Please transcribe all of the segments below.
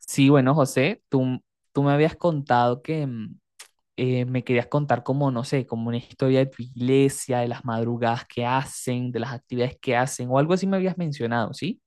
Sí, bueno, José, tú me habías contado que me querías contar como, no sé, como una historia de tu iglesia, de las madrugadas que hacen, de las actividades que hacen, o algo así me habías mencionado, ¿sí?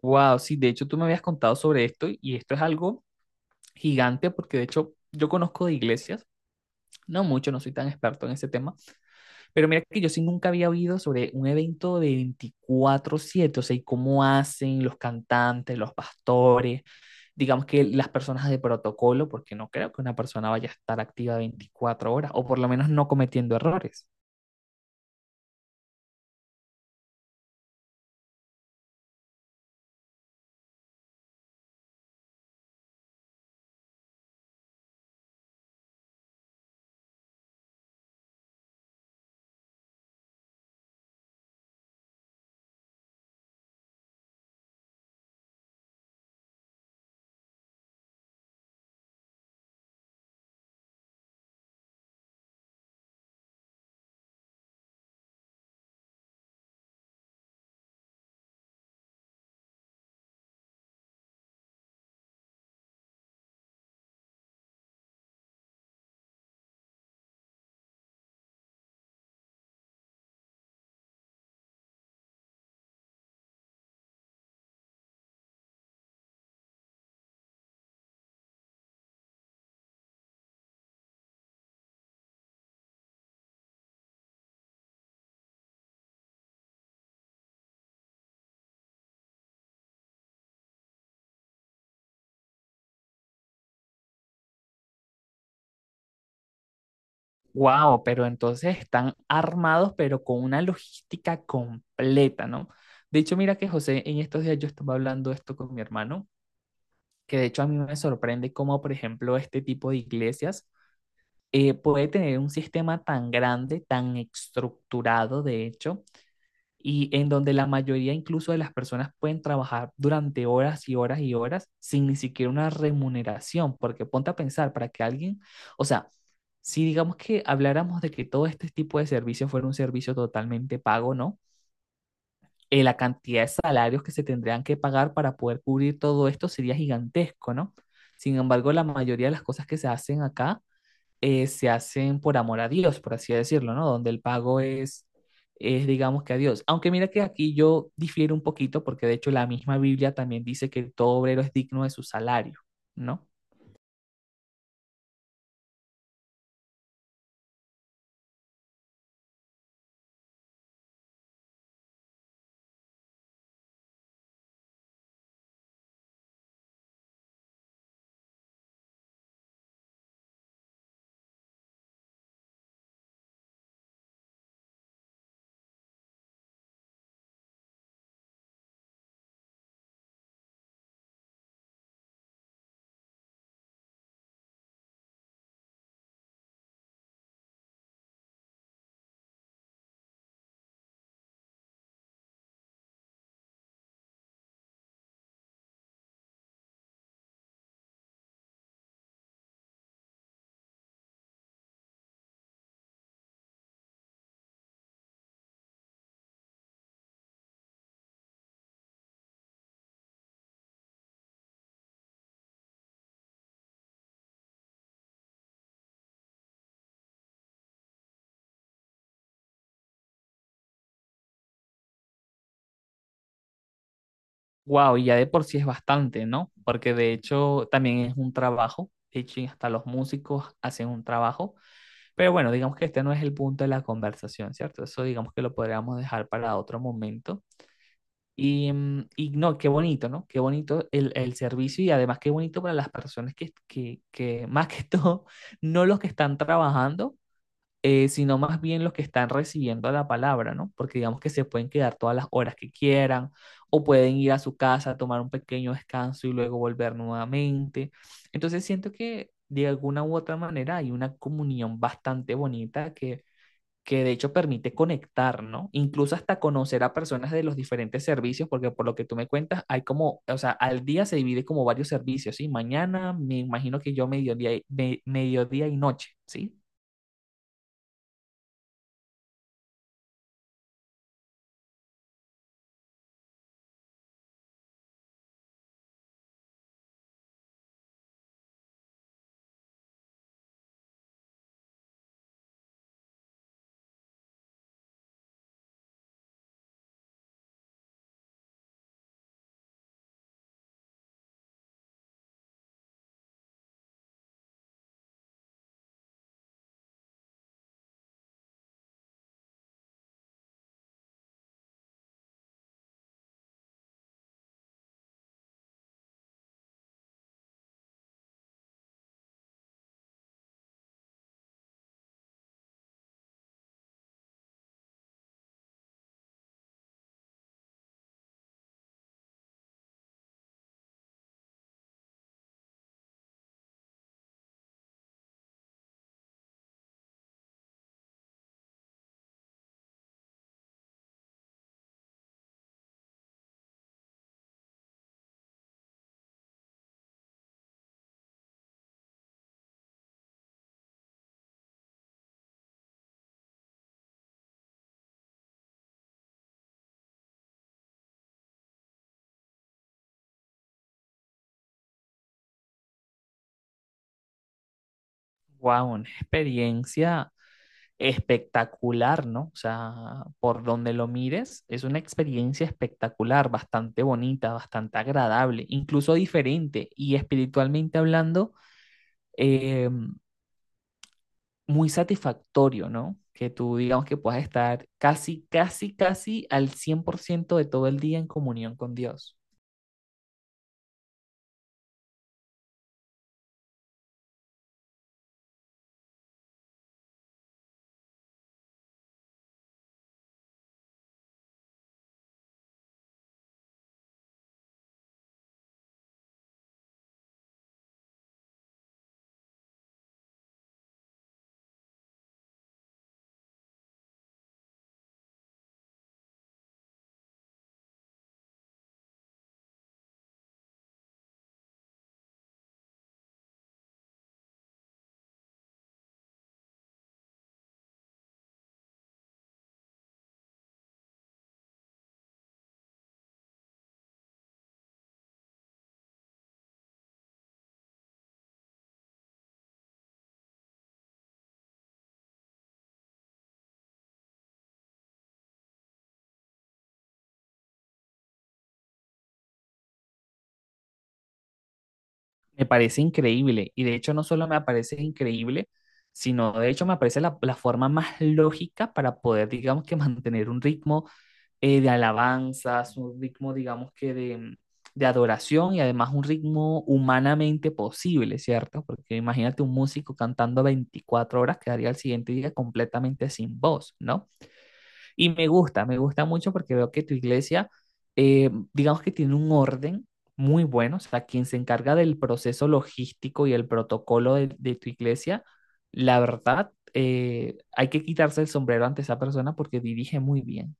Wow, sí, de hecho tú me habías contado sobre esto y esto es algo gigante porque de hecho yo conozco de iglesias, no mucho, no soy tan experto en ese tema, pero mira que yo sí nunca había oído sobre un evento de 24/7, o sea, y cómo hacen los cantantes, los pastores, digamos que las personas de protocolo, porque no creo que una persona vaya a estar activa 24 horas, o por lo menos no cometiendo errores. Wow, pero entonces están armados, pero con una logística completa, ¿no? De hecho, mira que José, en estos días yo estaba hablando esto con mi hermano, que de hecho a mí me sorprende cómo, por ejemplo, este tipo de iglesias puede tener un sistema tan grande, tan estructurado, de hecho, y en donde la mayoría incluso de las personas pueden trabajar durante horas y horas y horas sin ni siquiera una remuneración, porque ponte a pensar para que alguien, o sea, si digamos que habláramos de que todo este tipo de servicio fuera un servicio totalmente pago, ¿no? La cantidad de salarios que se tendrían que pagar para poder cubrir todo esto sería gigantesco, ¿no? Sin embargo, la mayoría de las cosas que se hacen acá se hacen por amor a Dios, por así decirlo, ¿no? Donde el pago es, digamos que a Dios. Aunque mira que aquí yo difiero un poquito, porque de hecho la misma Biblia también dice que todo obrero es digno de su salario, ¿no? Wow, y ya de por sí es bastante, ¿no? Porque de hecho también es un trabajo, de hecho hasta los músicos hacen un trabajo, pero bueno, digamos que este no es el punto de la conversación, ¿cierto? Eso digamos que lo podríamos dejar para otro momento. Y, y no, qué bonito, ¿no? Qué bonito el servicio y además qué bonito para las personas que más que todo, no los que están trabajando, sino más bien los que están recibiendo la palabra, ¿no? Porque digamos que se pueden quedar todas las horas que quieran o pueden ir a su casa, tomar un pequeño descanso y luego volver nuevamente. Entonces siento que de alguna u otra manera hay una comunión bastante bonita que de hecho permite conectar, ¿no? Incluso hasta conocer a personas de los diferentes servicios, porque por lo que tú me cuentas, hay como, o sea, al día se divide como varios servicios, ¿sí? Mañana, me imagino que yo mediodía, mediodía y noche, ¿sí? Wow, una experiencia espectacular, ¿no? O sea, por donde lo mires, es una experiencia espectacular, bastante bonita, bastante agradable, incluso diferente y espiritualmente hablando. eh, Muy satisfactorio, ¿no? Que tú digamos que puedas estar casi al 100% de todo el día en comunión con Dios. Me parece increíble y de hecho no solo me parece increíble, sino de hecho me parece la forma más lógica para poder, digamos que mantener un ritmo de alabanzas, un ritmo, digamos que de adoración y además un ritmo humanamente posible, ¿cierto? Porque imagínate un músico cantando 24 horas, quedaría el siguiente día completamente sin voz, ¿no? Y me gusta mucho porque veo que tu iglesia, digamos que tiene un orden muy bueno, o sea, quien se encarga del proceso logístico y el protocolo de tu iglesia, la verdad, hay que quitarse el sombrero ante esa persona porque dirige muy bien.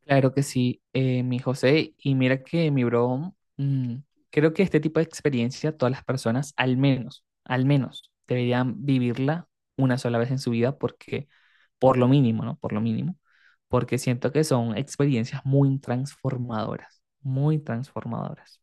Claro que sí, mi José. Y mira que mi bro, creo que este tipo de experiencia todas las personas, al menos, deberían vivirla una sola vez en su vida porque, por lo mínimo, ¿no? Por lo mínimo, porque siento que son experiencias muy transformadoras, muy transformadoras.